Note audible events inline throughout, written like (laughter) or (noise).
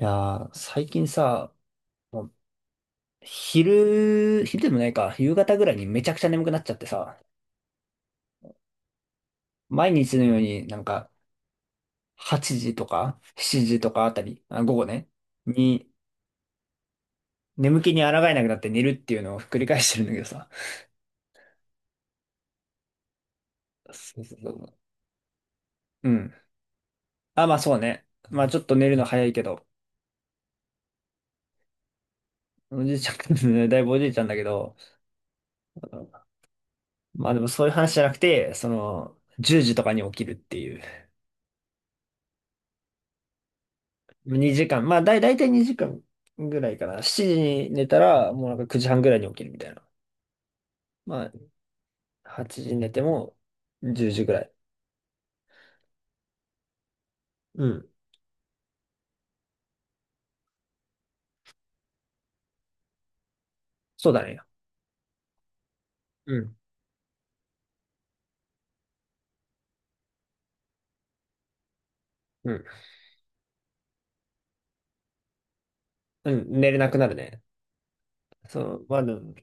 いやー、最近さ、もう昼、昼でもないか、夕方ぐらいにめちゃくちゃ眠くなっちゃってさ、毎日のようになんか8時とか7時とかあたり、あ、午後ね、に眠気に抗えなくなって寝るっていうのを繰り返してるんだけどさ。そうそうそう。うん。あ、まあそうね。まあちょっと寝るの早いけど、おじいちゃん、(laughs) だいぶおじいちゃんだけど、まあでもそういう話じゃなくて、その、10時とかに起きるっていう。2時間。まあ、だいたい2時間ぐらいかな。7時に寝たら、もうなんか9時半ぐらいに起きるみたいな。まあ、8時に寝ても10時ぐらい。うん。そうだね。うん。うん。うん、寝れなくなるね。そう、まあ、でも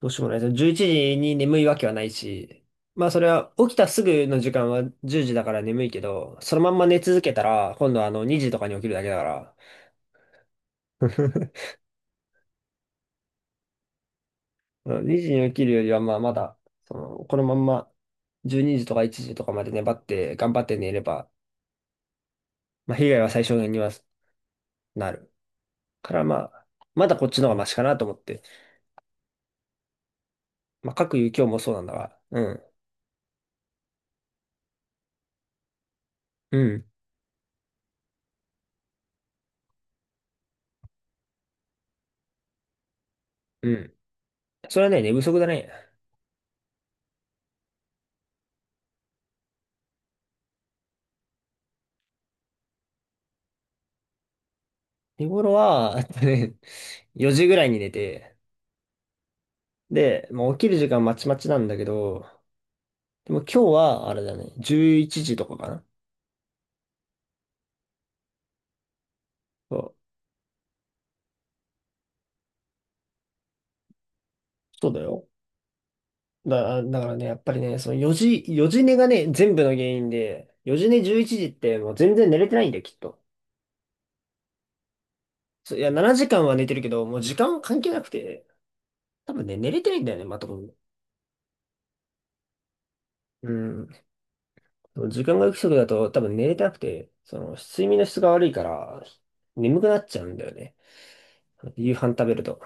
どうしようもない。11時に眠いわけはないし、まあ、それは起きたすぐの時間は10時だから眠いけど、そのまんま寝続けたら、今度は2時とかに起きるだけだから。(laughs) 2時に起きるよりは、まあ、まだ、その、このまんま、12時とか1時とかまで粘って、頑張って寝れば、まあ、被害は最小限にはなる。から、まあ、まだこっちの方がマシかなと思って。まあ、各有今日もそうなんだが、うん、うん、うん。それはね、寝不足だね。日頃は、あとね、4時ぐらいに寝て、で、まあ、起きる時間まちまちなんだけど、でも今日は、あれだね、11時とかかな。そう、そうだよ。だからね、やっぱりね、その4時、4時寝がね、全部の原因で、4時寝11時ってもう全然寝れてないんだよ、きっと。そういや、7時間は寝てるけど、もう時間は関係なくて、多分ね、寝れてないんだよね、まともに。うん。時間が不足だと多分寝れてなくて、その睡眠の質が悪いから、眠くなっちゃうんだよね。夕飯食べると。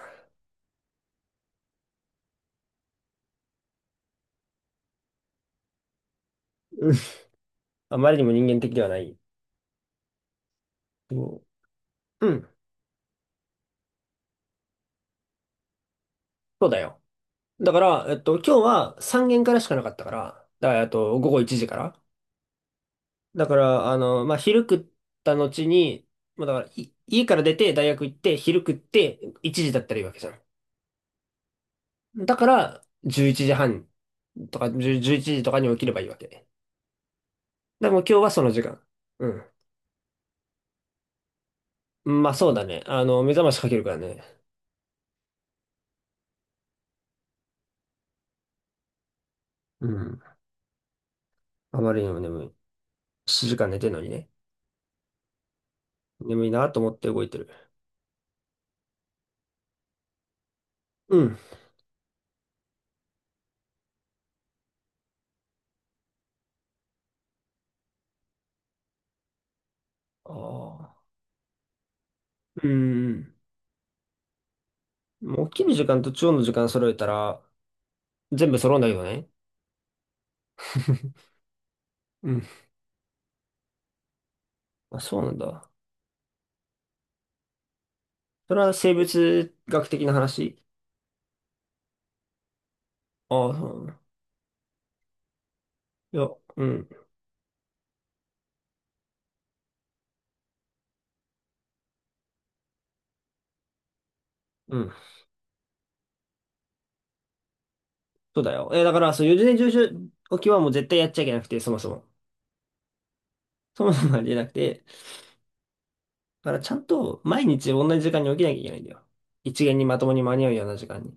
うん。あまりにも人間的ではない。そううん。そうだよ。だから、今日は3限からしかなかったから、だから、午後1時から。だから、まあ、昼食った後に、まあ、だから、い家から出て大学行って、昼食って、1時だったらいいわけじゃん。だから、11時半とか、10 1時とかに起きればいいわけ。でも今日はその時間。うん。まあ、そうだね。目覚ましかけるからね。うん。あまりにも眠い。7時間寝てんのにね。眠いなと思って動いてる。うん。ああ。うん。もう起きる時間と中央の時間揃えたら、全部揃うんだけどね。(laughs) うん。あ、そうなんだ。それは生物学的な話ああ、そうなんだ。いや、うん、うん。そうだよ。え、だから、そう、四十年上昇起きはもう絶対やっちゃいけなくて、そもそも。そもそもありえなくて。だから、ちゃんと毎日同じ時間に起きなきゃいけないんだよ。一元にまともに間に合うような時間に。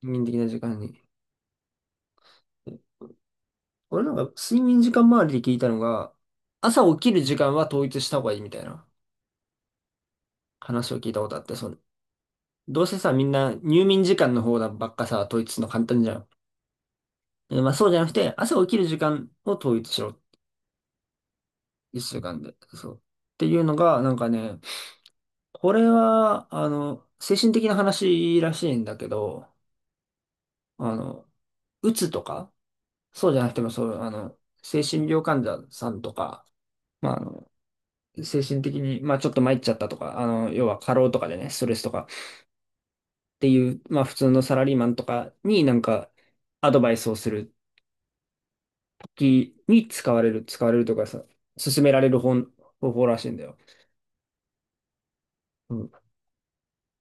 人間的な時間に。俺なんか、睡眠時間周りで聞いたのが、朝起きる時間は統一した方がいいみたいな話を聞いたことあって、その、どうせさ、みんな入眠時間の方ばっかさ、統一するの簡単じゃん。まあそうじゃなくて、朝起きる時間を統一しろ一週間で、そう。っていうのが、なんかね、これは、精神的な話らしいんだけど、あの、うつとか、そうじゃなくても、そう、精神病患者さんとか、まあ、精神的に、まあ、ちょっと参っちゃったとか、要は過労とかでね、ストレスとかっていう、まあ、普通のサラリーマンとかになんか、アドバイスをする時に使われるとかさ、勧められる方法らしいんだよ。うん。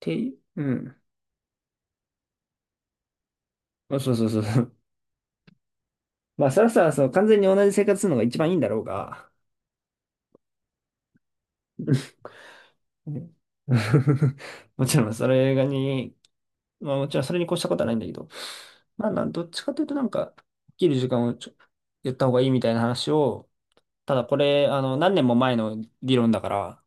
て、うん。あそうそうそう。まあ、そらそら、その完全に同じ生活するのが一番いいんだろうが、ね (laughs) もちろんそれがに、まあもちろんそれに越したことはないんだけど、まあなん、どっちかというとなんか、起きる時間を言った方がいいみたいな話を、ただこれ、何年も前の理論だから、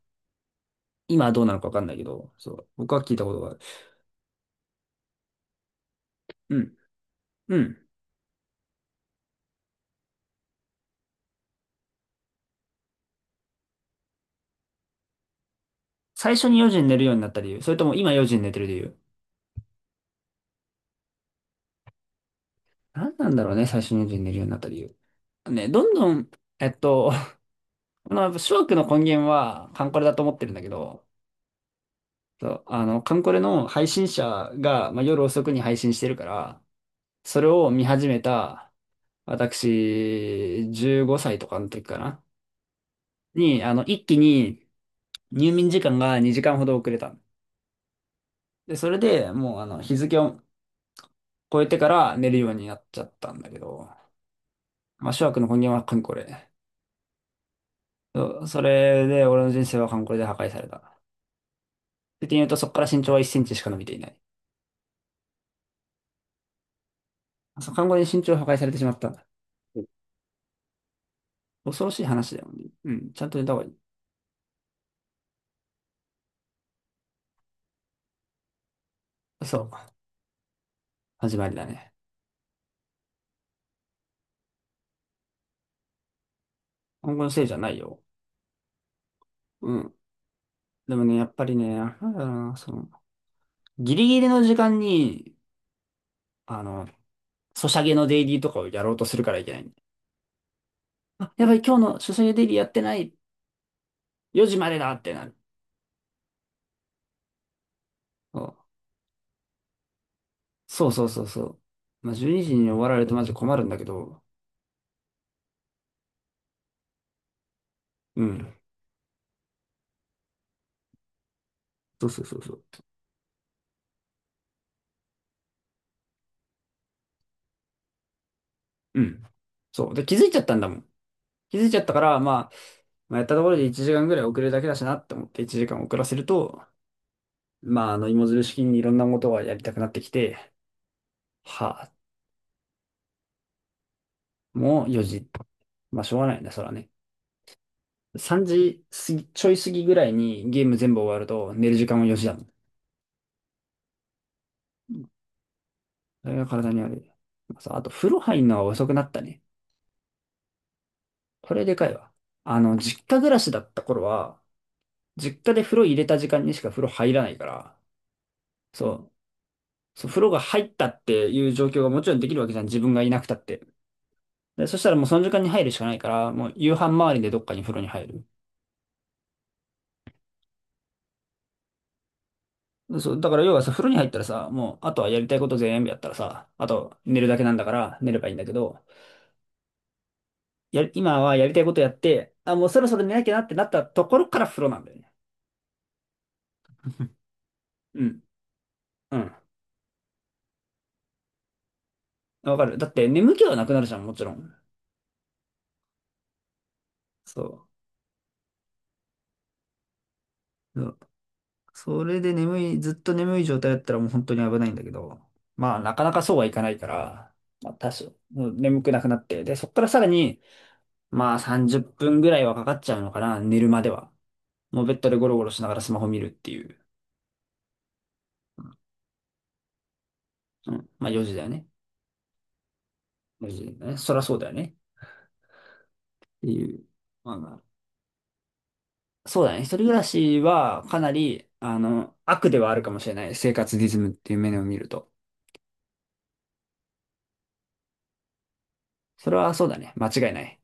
今はどうなのかわかんないけど、そう、僕は聞いたことがある。うん、うん。最初に4時に寝るようになった理由、それとも今4時に寝てる理由。何なんだろうね、最初に4時に寝るようになった理由。ね、どんどん、えっと、まあ、やっぱ諸悪の根源はカンコレだと思ってるんだけど、そう、カンコレの配信者が、まあ、夜遅くに配信してるから、それを見始めた、私、15歳とかの時かな、に、一気に入眠時間が2時間ほど遅れたの。で、それでもう、日付を超えてから寝るようになっちゃったんだけど、まあ、諸悪の根源はカンコレ。そうそれで、俺の人生はカンコレで破壊された。って言うと、そこから身長は1センチしか伸びていない。そう、看護に身長を破壊されてしまった。恐ろしい話だよね。うん。ちゃんと寝た方がいい。そう。始まりだね。今後のせいじゃないよ。うん。でもね、やっぱりね、なんだろうな、その、ギリギリの時間に、あの、ソシャゲのデイリーとかをやろうとするからいけない。あ、やばい、今日のソシャゲデイリーやってない。4時までだってなる。そうそうそうそうそう。まあ、12時にじに終わられるとマジ困るんだけど。うん。そうそうそうそう。うん。そう。で、気づいちゃったんだもん。気づいちゃったから、まあ、まあ、やったところで1時間ぐらい遅れるだけだしなって思って1時間遅らせると、まあ、芋づる式にいろんなことがやりたくなってきて、はあ、もう4時。まあ、しょうがないね、そらね。3時過ぎ、ちょい過ぎぐらいにゲーム全部終わると寝る時間も4時だもん。それが体に悪い。まあさあと、風呂入んのは遅くなったね。これでかいわ。実家暮らしだった頃は、実家で風呂入れた時間にしか風呂入らないから、そう。そう、風呂が入ったっていう状況がもちろんできるわけじゃん。自分がいなくたって。で、そしたらもうその時間に入るしかないから、もう夕飯周りでどっかに風呂に入る。そう、だから要はさ、風呂に入ったらさ、もうあとはやりたいこと全部やったらさ、あと寝るだけなんだから寝ればいいんだけど、や、今はやりたいことやって、あ、もうそろそろ寝なきゃなってなったところから風呂なんだよね。(laughs) うん。うん。わかる。だって眠気はなくなるじゃん、もちろん。そう。それで眠い、ずっと眠い状態だったらもう本当に危ないんだけど、まあなかなかそうはいかないから、まあ多少、もう眠くなくなって、で、そっからさらに、まあ30分ぐらいはかかっちゃうのかな、寝るまでは。もうベッドでゴロゴロしながらスマホ見るっていう。うん。まあ4時だよね。4時だよね。そりゃそうだよね。っていう。まあまあそうだね。一人暮らしはかなり、悪ではあるかもしれない。生活リズムっていう面を見ると。それはそうだね。間違いない。